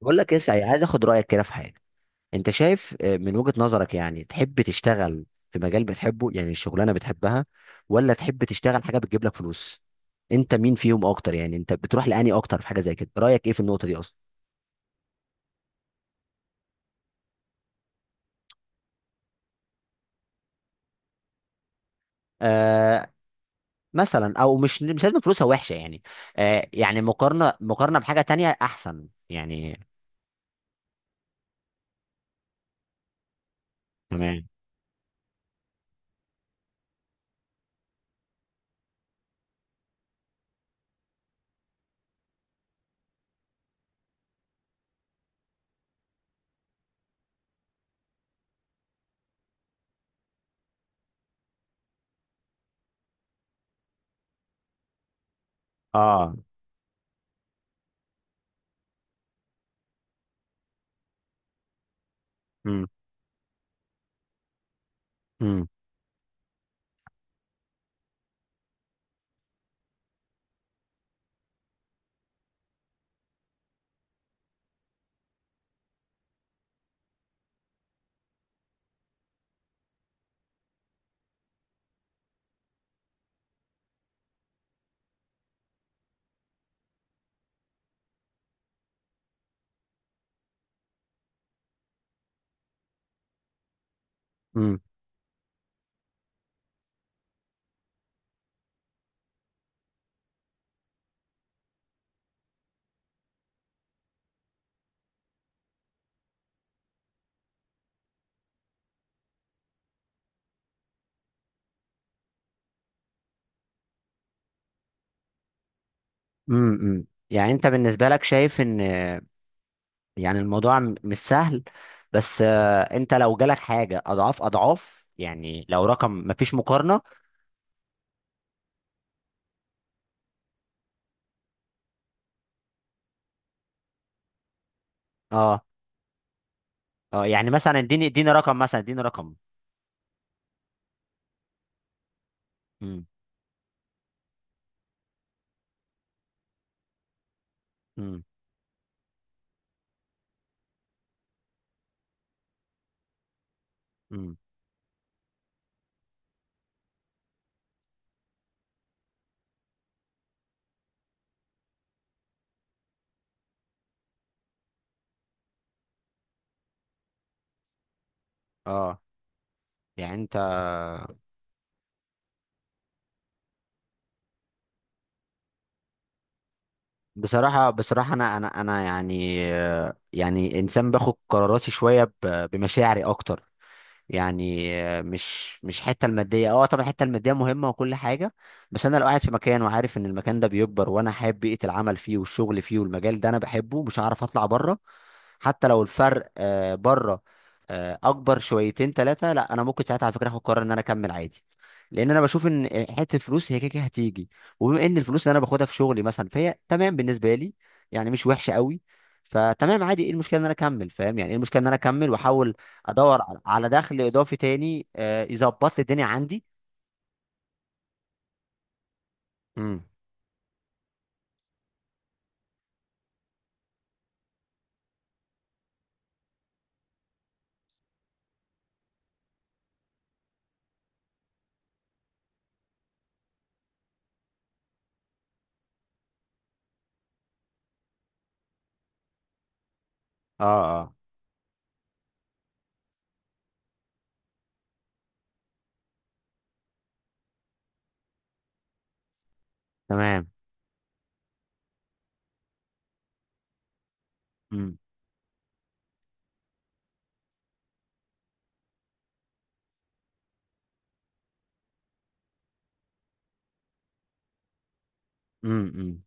بقول لك يا سعيد، عايز اخد رايك كده في حاجه. انت شايف من وجهه نظرك يعني تحب تشتغل في مجال بتحبه، يعني الشغلانه بتحبها، ولا تحب تشتغل حاجه بتجيب لك فلوس؟ انت مين فيهم اكتر؟ يعني انت بتروح لاني اكتر في حاجه زي كده. رايك ايه في النقطه دي اصلا؟ آه. مثلا، او مش لازم فلوسها وحشه يعني. آه، يعني مقارنه مقارنه بحاجه تانية احسن يعني. تمام. اه. امم. امم. امم. امم. يعني انت بالنسبه لك شايف ان، يعني الموضوع مش سهل. بس انت لو جالك حاجه اضعاف اضعاف، يعني لو رقم مفيش مقارنه. اه. اه. يعني مثلا اديني اديني رقم، مثلا اديني رقم. امم. امم. امم. اه. يعني انت، بصراحه بصراحه انا انا يعني يعني انسان باخد قراراتي شويه بمشاعري اكتر. يعني مش الحته الماديه. اه، طبعا الحته الماديه مهمه وكل حاجه. بس انا لو قاعد في مكان وعارف ان المكان ده بيكبر، وانا حابب بيئه العمل فيه والشغل فيه، والمجال ده انا بحبه، مش هعرف اطلع بره. حتى لو الفرق بره اكبر شويتين ثلاثه، لا، انا ممكن ساعتها على فكره اخد قرار ان انا اكمل عادي. لان انا بشوف ان حته فلوس هي كده كده هتيجي، وبما ان الفلوس اللي انا باخدها في شغلي مثلا فهي تمام بالنسبه لي، يعني مش وحشه قوي، فتمام عادي. ايه المشكله ان انا اكمل؟ فاهم يعني؟ ايه المشكله ان انا اكمل واحول ادور على دخل اضافي تاني يظبط لي الدنيا عندي؟ امم. اه. اه. تمام. امم. امم.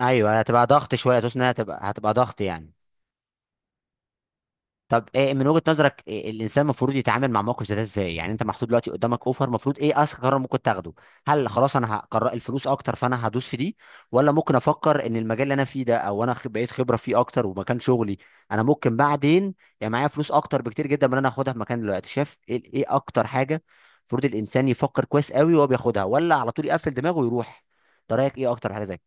ايوه، هتبقى ضغط شويه توس، انها هتبقى ضغط يعني. طب ايه من وجهة نظرك؟ إيه الانسان المفروض يتعامل مع موقف زي ده ازاي؟ يعني انت محطوط دلوقتي قدامك اوفر، المفروض ايه اذكى قرار ممكن تاخده؟ هل خلاص انا هقرر الفلوس اكتر فانا هدوس في دي، ولا ممكن افكر ان المجال اللي انا فيه ده، او انا بقيت خبرة فيه اكتر، ومكان شغلي انا ممكن بعدين، يعني معايا فلوس اكتر بكتير جدا من اللي انا هاخدها في مكان دلوقتي. شايف ايه؟ إيه اكتر حاجة المفروض الانسان يفكر كويس قوي وهو بياخدها، ولا على طول يقفل دماغه ويروح؟ ده رايك ايه اكتر حاجة زي كده؟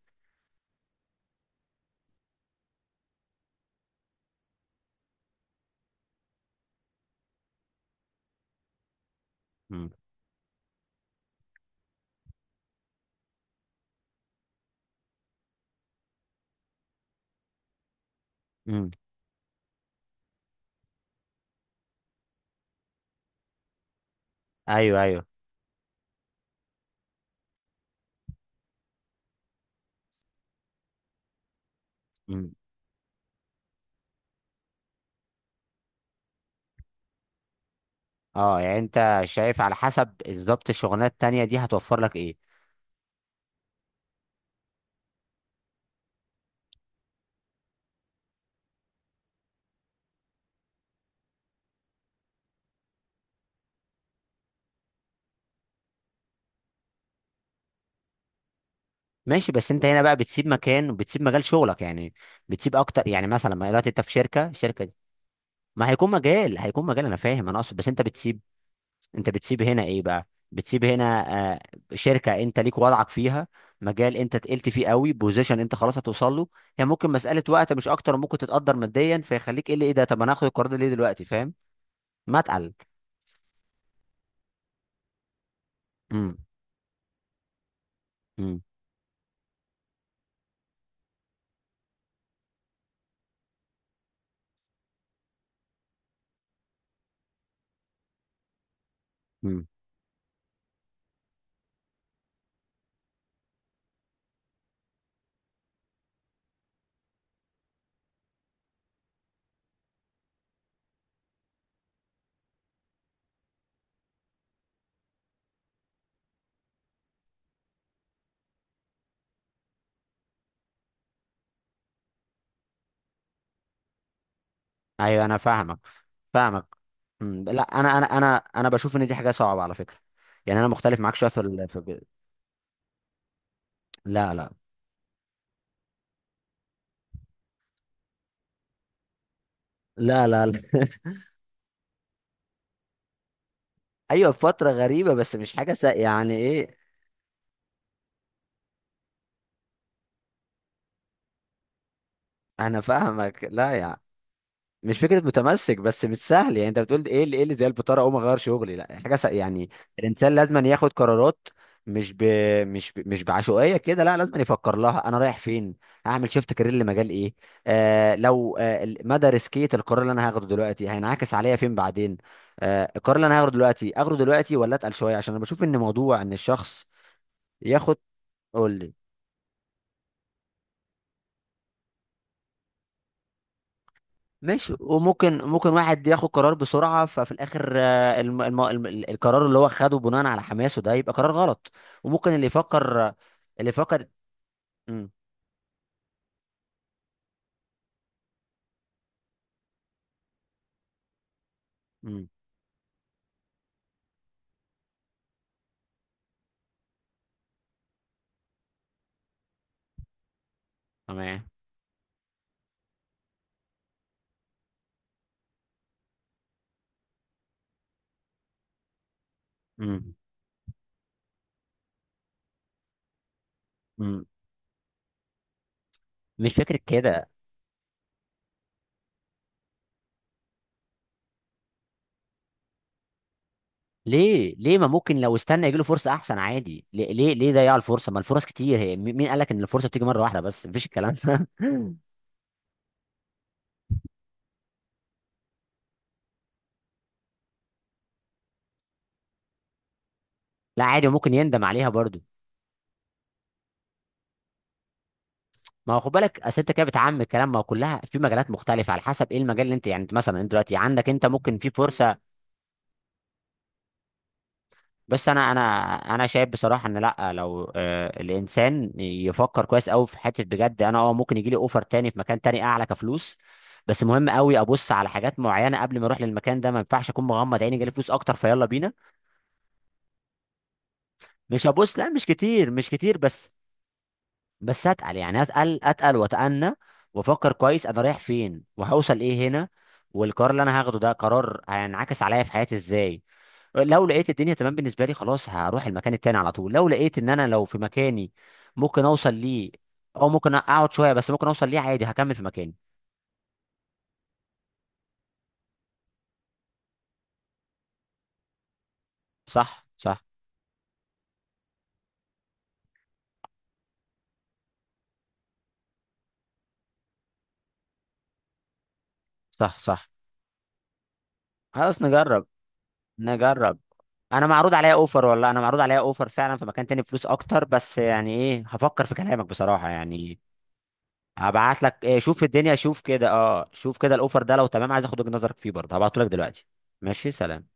امم. ايوه. ايوه. اه. يعني انت شايف على حسب بالظبط الشغلانه التانيه دي هتوفر لك ايه. ماشي. بس انت هنا بقى بتسيب مكان وبتسيب مجال شغلك يعني، بتسيب اكتر. يعني مثلا ما دلوقتي انت في شركه ما هيكون مجال، هيكون مجال. انا فاهم، انا اقصد بس انت بتسيب. انت بتسيب هنا ايه بقى؟ بتسيب هنا آه شركه انت ليك وضعك فيها، مجال انت تقلت فيه قوي، بوزيشن انت خلاص هتوصل له. هي ممكن مساله وقت مش اكتر، ممكن تتقدر ماديا، فيخليك ايه اللي ايه ده. طب انا هاخد القرار ده ليه دلوقتي؟ فاهم؟ ما اتقل. امم. امم. امم. ايوه انا فاهمك فاهمك. مم، لا، انا انا بشوف ان دي حاجه صعبه على فكره. يعني انا مختلف معاك شويه لا لا لا. لا لا ايوه فتره غريبه، بس مش حاجه يعني ايه. انا فاهمك، لا يعني مش فكره متمسك، بس مش سهل يعني. انت بتقول ايه اللي زي البطاره اقوم اغير شغلي؟ لا، حاجه يعني الانسان لازم ياخد قرارات، مش ب... مش بعشوائيه كده. لا لازم يفكر لها، انا رايح فين، هعمل شيفت كارير لمجال ايه، لو مدى ريسكيه القرار اللي انا هاخده دلوقتي هينعكس عليا فين بعدين، القرار اللي انا هاخده دلوقتي اخده دلوقتي ولا اتقل شويه، عشان انا بشوف ان موضوع ان الشخص ياخد. قول لي. ماشي، وممكن واحد ياخد قرار بسرعة، ففي الآخر القرار اللي هو خده بناء على حماسه ده يبقى قرار غلط. وممكن اللي يفكر، اللي يفكر. امم. امم. تمام. امم. امم. مش فكرة كده. ليه ليه؟ ما ممكن لو استنى يجيله فرصة أحسن عادي. ليه ليه ليه ضيع الفرصة؟ ما الفرص كتير. هي مين قال لك إن الفرصة بتيجي مرة واحدة بس؟ مفيش الكلام ده. لا عادي، وممكن يندم عليها برضو. ما هو خد بالك، اصل انت كده بتعمم الكلام. ما هو كلها في مجالات مختلفه، على حسب ايه المجال اللي انت، يعني انت مثلا انت دلوقتي عندك، انت ممكن في فرصه. بس انا انا شايف بصراحه ان، لا لو الانسان يفكر كويس قوي في حته بجد، انا اه ممكن يجي لي اوفر تاني في مكان تاني اعلى كفلوس، بس مهم قوي ابص على حاجات معينه قبل ما اروح للمكان ده. ما ينفعش اكون مغمض عيني جالي فلوس اكتر فيلا بينا. مش هبص؟ لا مش كتير، مش كتير، بس، بس اتقل يعني اتقل اتقل واتأنى، وافكر كويس انا رايح فين، وهوصل ايه هنا، والقرار اللي انا هاخده ده قرار هينعكس عليا في حياتي ازاي. لو لقيت الدنيا تمام بالنسبه لي خلاص هروح المكان التاني على طول. لو لقيت ان انا لو في مكاني ممكن اوصل ليه، او ممكن اقعد شويه بس ممكن اوصل ليه، عادي هكمل في مكاني. صح. صح. صح. صح. خلاص نجرب. نجرب. انا معروض عليا اوفر، والله انا معروض عليا اوفر فعلا في مكان تاني، فلوس اكتر. بس يعني ايه، هفكر في كلامك بصراحه يعني. هبعت لك إيه، شوف الدنيا، شوف كده، اه، شوف كده الاوفر ده لو تمام عايز اخد وجهة نظرك فيه برضه. هبعته لك دلوقتي. ماشي سلام.